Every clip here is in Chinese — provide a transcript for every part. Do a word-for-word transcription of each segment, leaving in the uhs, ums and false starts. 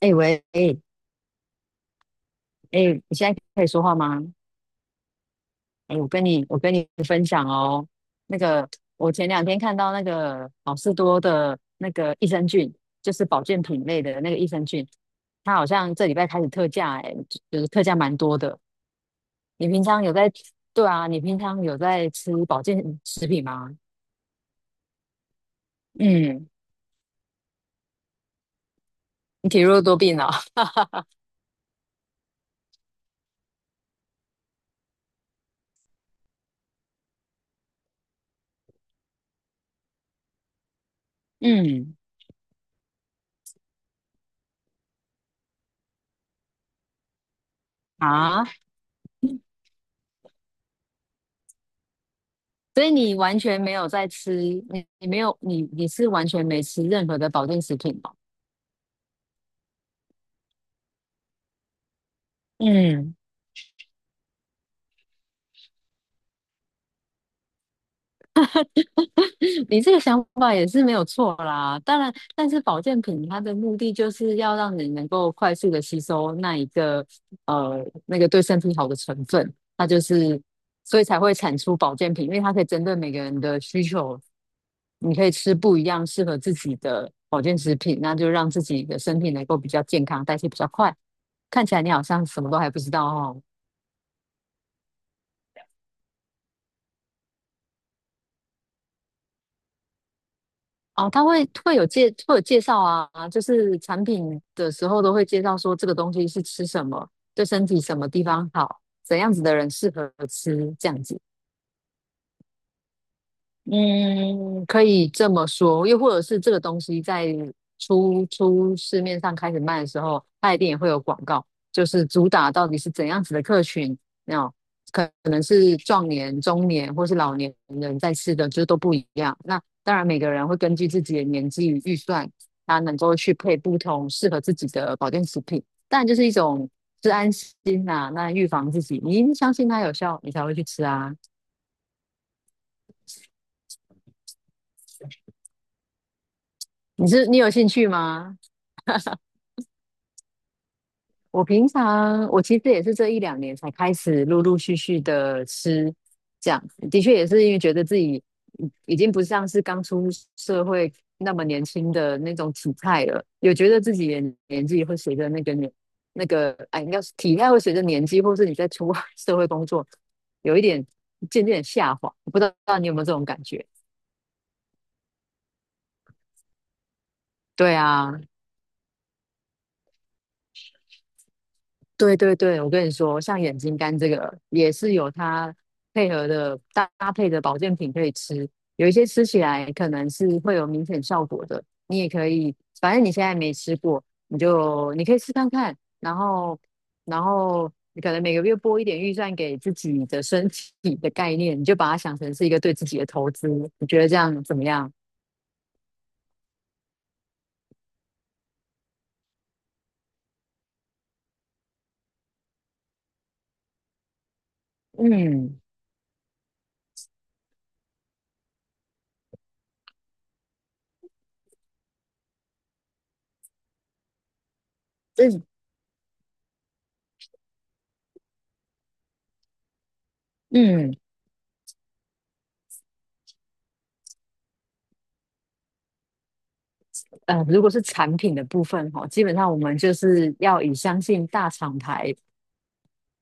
哎、喂，哎、哎、你现在可以说话吗？哎、我跟你我跟你分享哦，那个我前两天看到那个好事多的那个益生菌，就是保健品类的那个益生菌，它好像这礼拜开始特价、哎，就是特价蛮多的。你平常有在，对啊，你平常有在吃保健食品吗？嗯，你体弱多病了、嗯啊，所以你完全没有在吃，你你没有你你是完全没吃任何的保健食品哦。嗯，你这个想法也是没有错啦。当然，但是保健品它的目的就是要让你能够快速的吸收那一个呃那个对身体好的成分，它就是所以才会产出保健品，因为它可以针对每个人的需求，你可以吃不一样适合自己的保健食品，那就让自己的身体能够比较健康，代谢比较快。看起来你好像什么都还不知道哦。哦，他会会有介会有介绍啊，就是产品的时候都会介绍说这个东西是吃什么，对身体什么地方好，怎样子的人适合吃这样子。嗯，可以这么说，又或者是这个东西在出出市面上开始卖的时候，它一定也会有广告，就是主打到底是怎样子的客群，那可能是壮年、中年或是老年人在吃的，就是都不一样。那当然，每个人会根据自己的年纪与预算，他能够去配不同适合自己的保健食品，但就是一种是安心呐、那预防自己，你一定相信它有效，你才会去吃啊。你是你有兴趣吗？我平常我其实也是这一两年才开始陆陆续续的吃，这样的确也是因为觉得自己已已经不像是刚出社会那么年轻的那种体态了，有觉得自己的年纪会随着那个年那个哎，应该是体态会随着年纪，或是你在出 社会工作，有一点渐渐地下滑，我不知道你有没有这种感觉？对啊，对对对，我跟你说，像眼睛干这个也是有它配合的搭搭配的保健品可以吃，有一些吃起来可能是会有明显效果的，你也可以，反正你现在没吃过，你就你可以试看看，然后然后你可能每个月拨一点预算给自己的身体的概念，你就把它想成是一个对自己的投资，你觉得这样怎么样？嗯，这嗯呃，如果是产品的部分哈，基本上我们就是要以相信大厂牌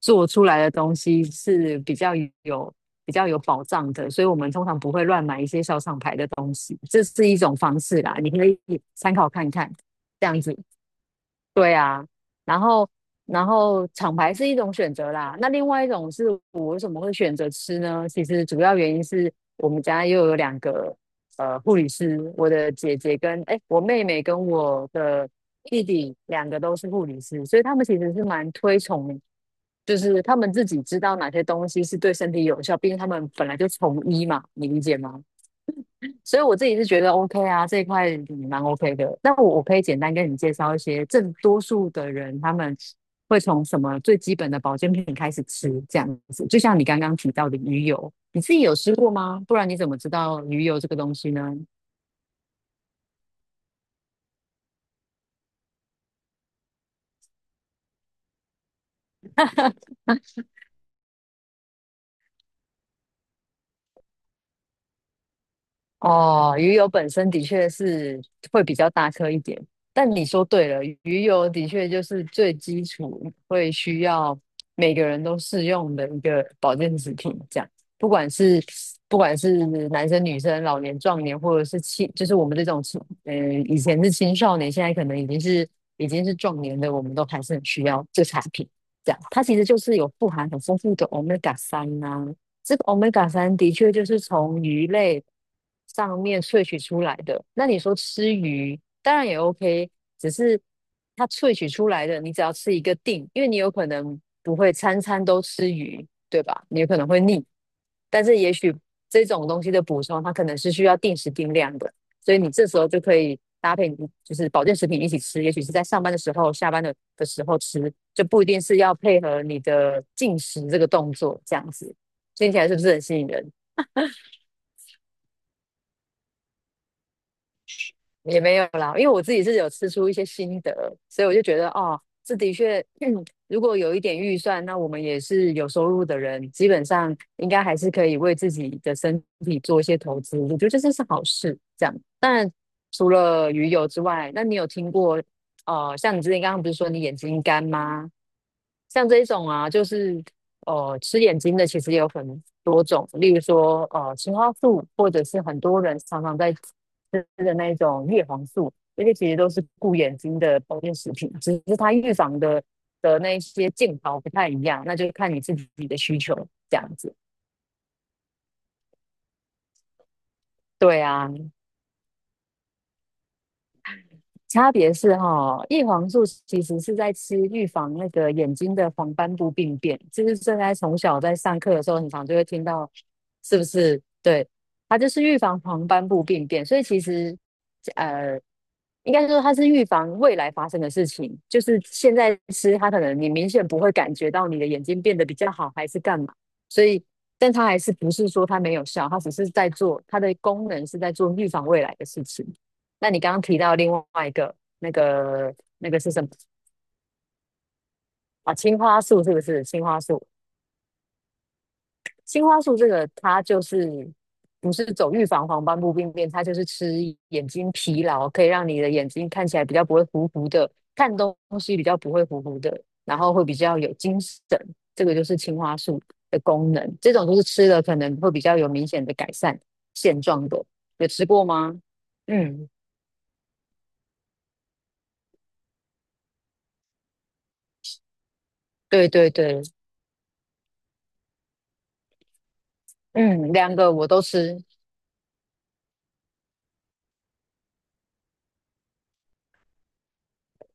做出来的东西是比较有比较有保障的，所以我们通常不会乱买一些小厂牌的东西，这是一种方式啦，你可以参考看看，这样子。对啊，然后然后厂牌是一种选择啦，那另外一种是我为什么会选择吃呢？其实主要原因是我们家又有两个呃护理师，我的姐姐跟哎我妹妹跟我的弟弟两个都是护理师，所以他们其实是蛮推崇，就是他们自己知道哪些东西是对身体有效，毕竟他们本来就从医嘛，你理解吗？所以我自己是觉得 OK 啊，这一块嗯蛮 OK 的。那我我可以简单跟你介绍一些，正多数的人他们会从什么最基本的保健品开始吃，这样子。就像你刚刚提到的鱼油，你自己有吃过吗？不然你怎么知道鱼油这个东西呢？哦，鱼油本身的确是会比较大颗一点，但你说对了，鱼油的确就是最基础会需要每个人都适用的一个保健食品，这样，不管是不管是男生、女生、老年、壮年，或者是青，就是我们这种青，呃，以前是青少年，现在可能已经是已经是壮年的，我们都还是很需要这产品，这样，它其实就是有富含很丰富的欧米伽 g 三啊。这个 omega 三的确就是从鱼类上面萃取出来的。那你说吃鱼，当然也 OK，只是它萃取出来的，你只要吃一个定，因为你有可能不会餐餐都吃鱼，对吧？你有可能会腻。但是也许这种东西的补充，它可能是需要定时定量的，所以你这时候就可以搭配你就是保健食品一起吃，也许是在上班的时候、下班的的时候吃，就不一定是要配合你的进食这个动作这样子。听起来是不是很吸引人？也没有啦，因为我自己是有吃出一些心得，所以我就觉得哦，这的确，嗯如果有一点预算，那我们也是有收入的人，基本上应该还是可以为自己的身体做一些投资。我觉得这真是好事。这样，当然除了鱼油之外，那你有听过呃，像你之前刚刚不是说你眼睛干吗？像这一种啊，就是呃吃眼睛的，其实也有很多种，例如说呃青花素，或者是很多人常常在吃的那一种叶黄素，这些其实都是顾眼睛的保健食品，只是它预防的的那一些镜头不太一样，那就看你自己的需求这样子。对啊，差别是哈、叶黄素其实是在吃预防那个眼睛的黄斑部病变，就是正在从小在上课的时候，很常就会听到，是不是？对，它就是预防黄斑部病变，所以其实，呃，应该说它是预防未来发生的事情，就是现在吃它可能你明显不会感觉到你的眼睛变得比较好还是干嘛，所以但它还是不是说它没有效，它只是在做它的功能是在做预防未来的事情。那你刚刚提到另外一个那个那个是什么啊？青花素是不是？青花素青花素这个它就是不是走预防黄斑部病变，它就是吃眼睛疲劳，可以让你的眼睛看起来比较不会糊糊的，看东西比较不会糊糊的，然后会比较有精神。这个就是青花素的功能，这种就是吃了可能会比较有明显的改善现状的。有吃过吗？嗯，对对对，嗯，两个我都吃。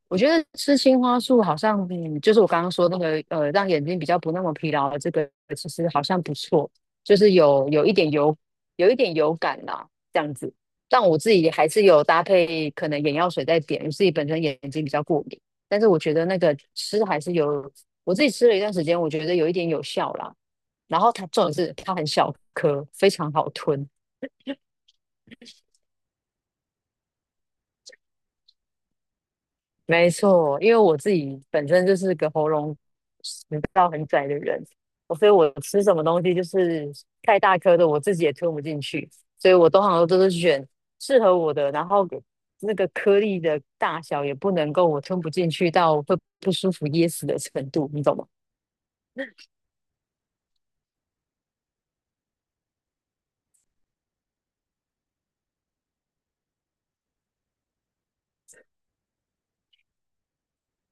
我觉得吃青花素好像，嗯，就是我刚刚说那个，呃，让眼睛比较不那么疲劳的这个，其实好像不错，就是有有一点油，有一点油感啦，这样子。但我自己还是有搭配可能眼药水在点，我自己本身眼睛比较过敏，但是我觉得那个吃还是有，我自己吃了一段时间，我觉得有一点有效啦。然后它重点是它很小颗，非常好吞，没错，因为我自己本身就是个喉咙食道很窄的人，我所以我吃什么东西就是太大颗的，我自己也吞不进去，所以我通常都是选适合我的，然后那个颗粒的大小也不能够我吞不进去到会不舒服噎死的程度，你懂吗？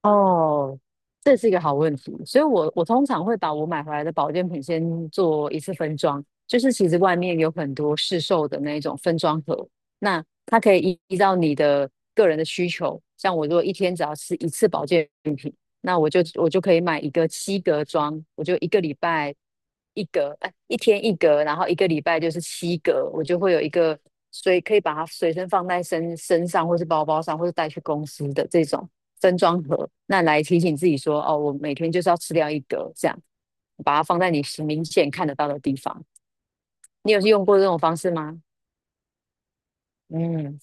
哦，这是一个好问题，所以我我通常会把我买回来的保健品先做一次分装，就是其实外面有很多市售的那种分装盒，那它可以依依照你的个人的需求，像我如果一天只要吃一次保健品，那我就我就可以买一个七格装，我就一个礼拜。一格，哎，一天一格，然后一个礼拜就是七格，我就会有一个随可以把它随身放在身身上，或是包包上，或是带去公司的这种分装盒，那来提醒自己说，哦，我每天就是要吃掉一格，这样把它放在你明显看得到的地方。你有用过这种方式吗？嗯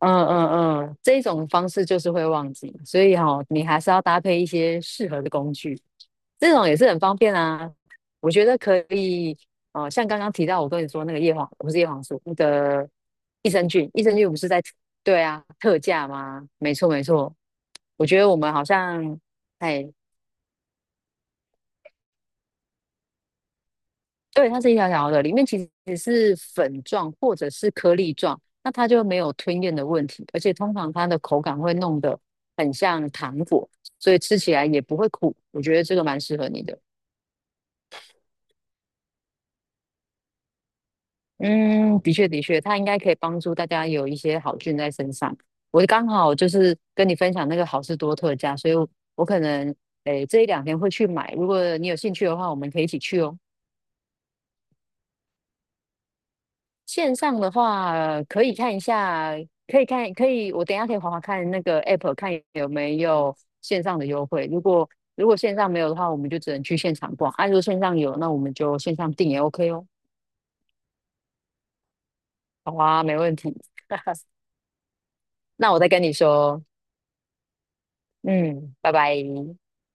嗯嗯嗯，这种方式就是会忘记，所以哈、你还是要搭配一些适合的工具。这种也是很方便啊。我觉得可以，哦、像刚刚提到我跟你说那个叶黄，不是叶黄素，那个益生菌，益生菌不是在对啊特价吗？没错没错，我觉得我们好像，哎，对，它是一条条的，里面其实是粉状或者是颗粒状，那它就没有吞咽的问题，而且通常它的口感会弄得很像糖果，所以吃起来也不会苦。我觉得这个蛮适合你的。嗯，的确的确，它应该可以帮助大家有一些好菌在身上。我刚好就是跟你分享那个好事多特价，所以我，我可能诶这一两天会去买。如果你有兴趣的话，我们可以一起去哦。线上的话，可以看一下，可以看，可以，我等一下可以划划看那个 app，看有没有线上的优惠。如果如果线上没有的话，我们就只能去现场逛。啊，如果线上有，那我们就线上订也 OK 哦。好啊，没问题。那我再跟你说哦。嗯，拜拜。